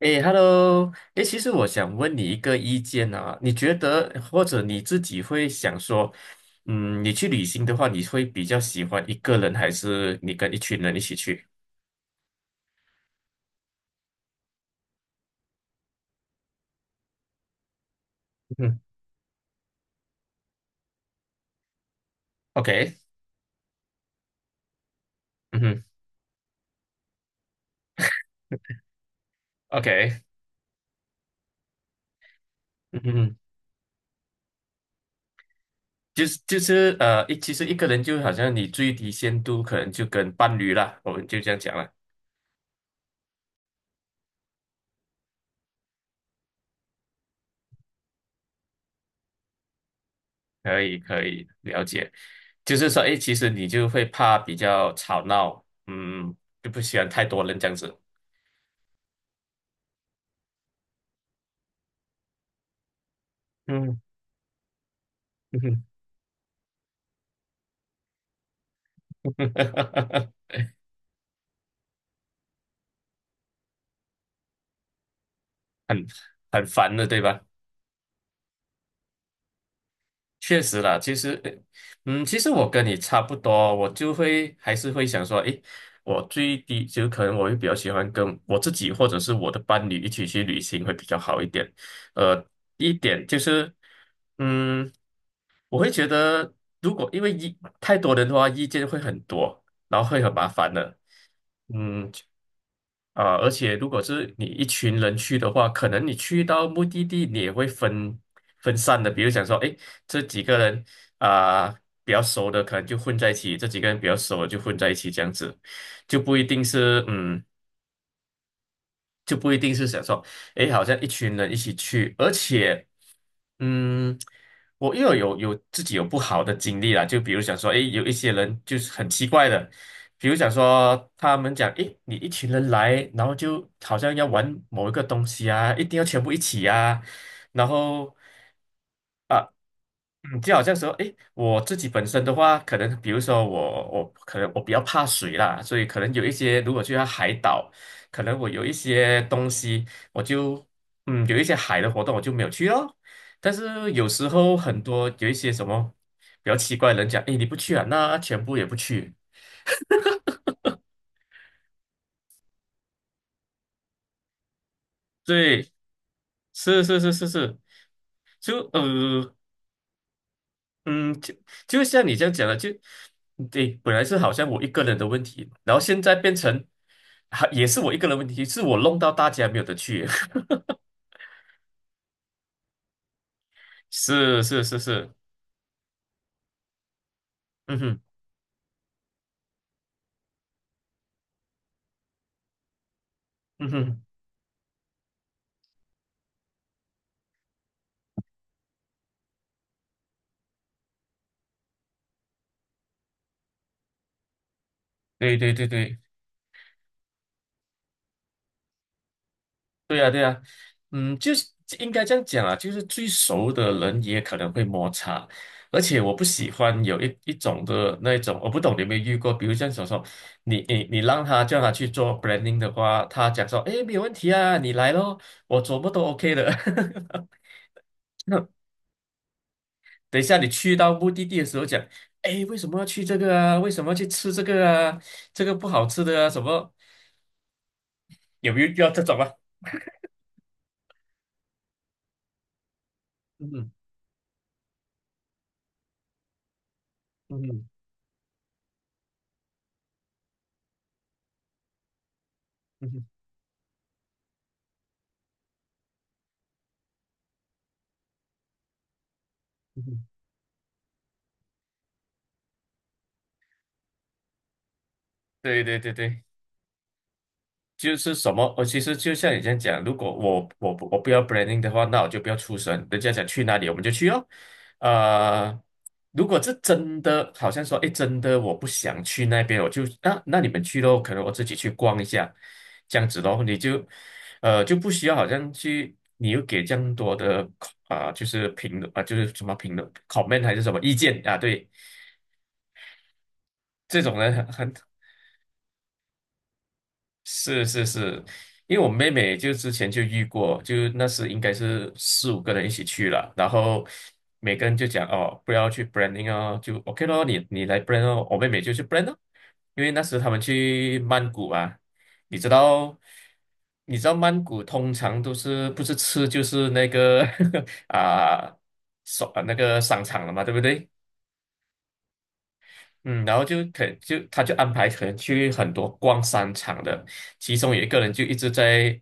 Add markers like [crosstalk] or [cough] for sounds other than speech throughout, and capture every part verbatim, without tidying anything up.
诶 h e l l o 诶，其实我想问你一个意见啊，你觉得或者你自己会想说，嗯，你去旅行的话，你会比较喜欢一个人，还是你跟一群人一起去？嗯。OK。嗯哼。OK。嗯哼。就是就是呃，一其实一个人就好像你最低限度可能就跟伴侣啦，我们就这样讲了，可以可以了解。就是说，诶，其实你就会怕比较吵闹，嗯，就不喜欢太多人这样子。嗯。哼。[laughs] 很很烦的，对吧？确实啦，其实，呃嗯，其实我跟你差不多，我就会还是会想说，诶，我最低就可能我会比较喜欢跟我自己或者是我的伴侣一起去旅行会比较好一点。呃，一点就是，嗯，我会觉得如果因为意太多人的话，意见会很多，然后会很麻烦的。嗯，啊、而且如果是你一群人去的话，可能你去到目的地，你也会分分散的。比如讲说，哎，这几个人啊、比较熟的，可能就混在一起；这几个人比较熟的就混在一起，这样子就不一定是嗯就不一定是想说，诶，好像一群人一起去，而且，嗯，我又有有自己有不好的经历啦，就比如想说，诶，有一些人就是很奇怪的，比如想说他们讲，诶，你一群人来，然后就好像要玩某一个东西啊，一定要全部一起啊，然后。啊。嗯，就好像说，诶，我自己本身的话，可能比如说我我可能我比较怕水啦，所以可能有一些如果去到海岛，可能我有一些东西，我就嗯有一些海的活动我就没有去哦。但是有时候很多有一些什么比较奇怪的人讲，诶，你不去啊，那全部也不去。对，是是是是是，就呃，嗯，就就像你这样讲的，就对，本来是好像我一个人的问题，然后现在变成，还也是我一个人的问题，是我弄到大家没有得去。[laughs] 是是是是，嗯哼嗯哼，对对对对对呀、对呀、嗯，就是应该这样讲啊，就是最熟的人也可能会摩擦，而且我不喜欢有一一种的那一种，我不懂你有没有遇过，比如像小时候，你你你让他叫他去做 branding 的话，他讲说，诶，没有问题啊，你来咯，我怎么都 OK 的。[laughs] 那等一下你去到目的地的时候讲，诶，为什么要去这个啊？为什么要去吃这个啊？这个不好吃的啊？什么？有没有遇到这种啊？嗯哼嗯哼嗯哼嗯哼，对对对对。就是什么，我其实就像你这样讲，如果我我不我不要 branding 的话，那我就不要出声，人家想去哪里我们就去哦。呃，如果这真的好像说，哎，真的我不想去那边，我就那那你们去咯，可能我自己去逛一下，这样子咯，你就呃就不需要好像去，你又给这样多的啊、就是评论啊、就是什么评论 comment 还是什么意见啊，对，这种人很很是是是，因为我妹妹就之前就遇过，就那时应该是四五个人一起去了，然后每个人就讲哦，不要去 branding 哦，就 OK 咯，你你来 brand 哦，我妹妹就去 brand 哦，因为那时他们去曼谷啊，你知道，你知道曼谷通常都是不是吃就是那个 [laughs] 啊，商那个商场了嘛，对不对？嗯，然后就可就他就安排可能去很多逛商场的，其中有一个人就一直在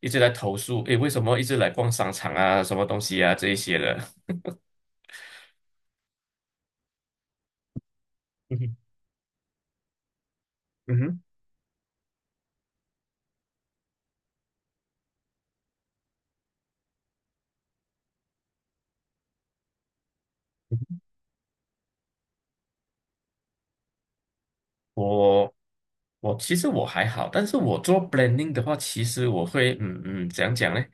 一直在投诉，诶，为什么一直来逛商场啊，什么东西啊这一些的。嗯哼，嗯哼我我其实我还好，但是我做 blending 的话，其实我会嗯嗯怎样讲呢？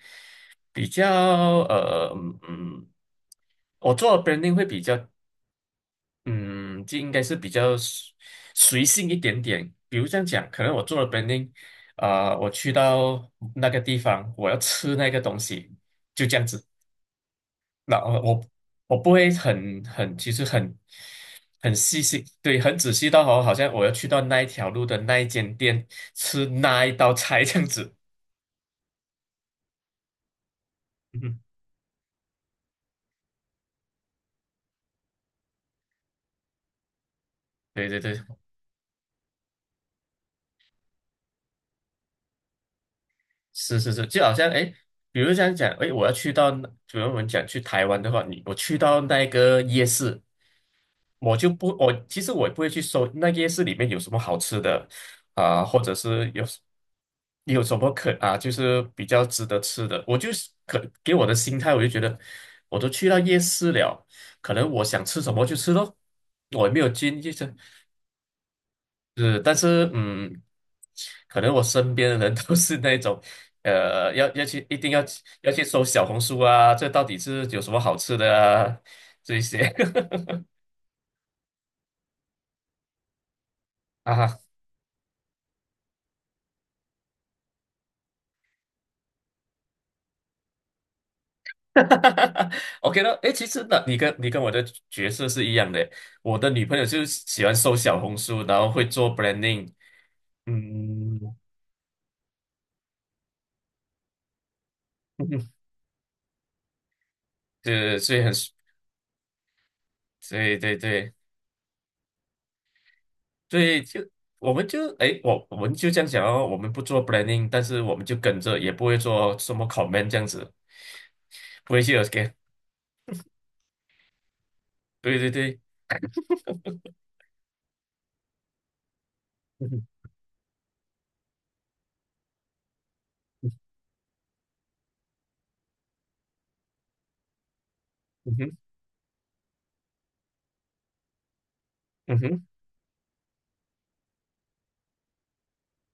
比较呃嗯嗯，我做 branding 会比较嗯，就应该是比较随随性一点点。比如这样讲，可能我做了 branding，呃，我去到那个地方，我要吃那个东西，就这样子。那呃我我不会很很，其实很很细心，对，很仔细到好，好像我要去到那一条路的那一间店吃那一道菜这样子。嗯哼对对对，是是是，就好像哎，诶比如这样讲，哎，我要去到那，比如我们讲去台湾的话，你我去到那个夜市。我就不，我其实我也不会去搜那夜市里面有什么好吃的啊、或者是有有什么可啊，就是比较值得吃的。我就是可给我的心态，我就觉得我都去到夜市了，可能我想吃什么就吃咯，我也没有经济识，是，但是嗯，可能我身边的人都是那种。[laughs] 呃，要要去，一定要去要去搜小红书啊，这到底是有什么好吃的啊？这一些 [laughs] 啊，[laughs] 哈哈哈 OK 了，诶，其实呢，你跟你跟我的角色是一样的。我的女朋友就是喜欢搜小红书，然后会做 branding，嗯，[laughs] 对，所以很，对对对，所以就我们就诶，我我们就这样讲哦，我们不做 branding，但是我们就跟着，也不会做什么 comment 这样子，不会去 OK，对对对，[laughs] 嗯哼嗯哼嗯哼，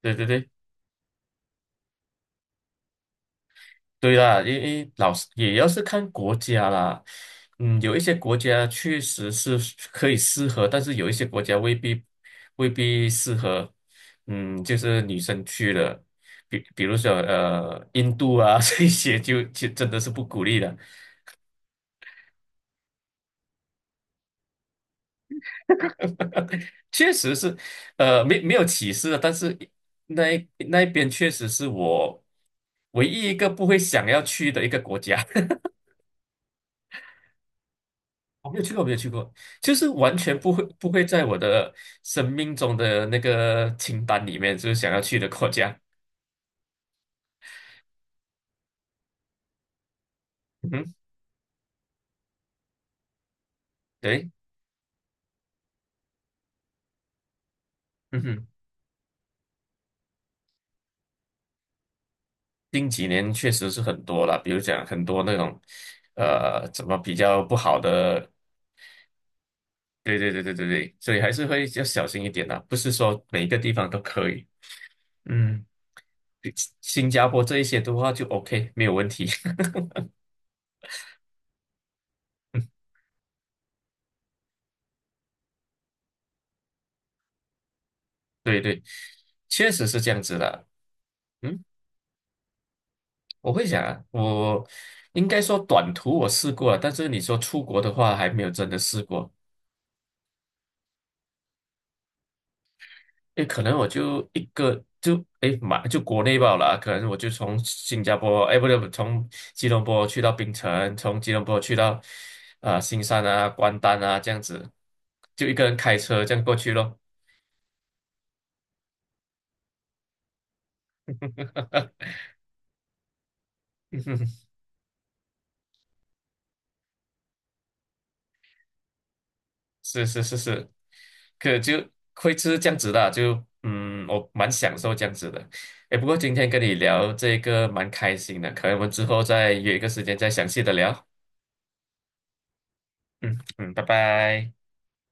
对对对。对啦，因为老师也要是看国家啦，嗯，有一些国家确实是可以适合，但是有一些国家未必未必适合，嗯，就是女生去了，比比如说呃印度啊 [laughs] 这些就就真的是不鼓励的，确实是，呃，没没有歧视的，但是那一那一边确实是我唯一一个不会想要去的一个国家。我没有去过，没有去过，就是完全不会不会在我的生命中的那个清单里面，就是想要去的国家。嗯哼，对，嗯哼，近几年确实是很多了，比如讲很多那种，呃，怎么比较不好的，对对对对对对，所以还是会要小心一点啦，不是说每一个地方都可以。嗯，比新加坡这一些的话就 OK，没有问题。[laughs] 对对，确实是这样子的。嗯。我会想啊，我应该说短途我试过了，但是你说出国的话还没有真的试过。诶，可能我就一个就诶马就国内罢了啊可能我就从新加坡，诶不对，从吉隆坡去到槟城，从吉隆坡去到啊、呃新山啊、关丹啊这样子，就一个人开车这样过去咯。[laughs] 是是是是。可就会吃这样子的啊就嗯，我蛮享受这样子的。哎，不过今天跟你聊这个蛮开心的，可能我们之后再约一个时间再详细的聊。嗯嗯，拜拜。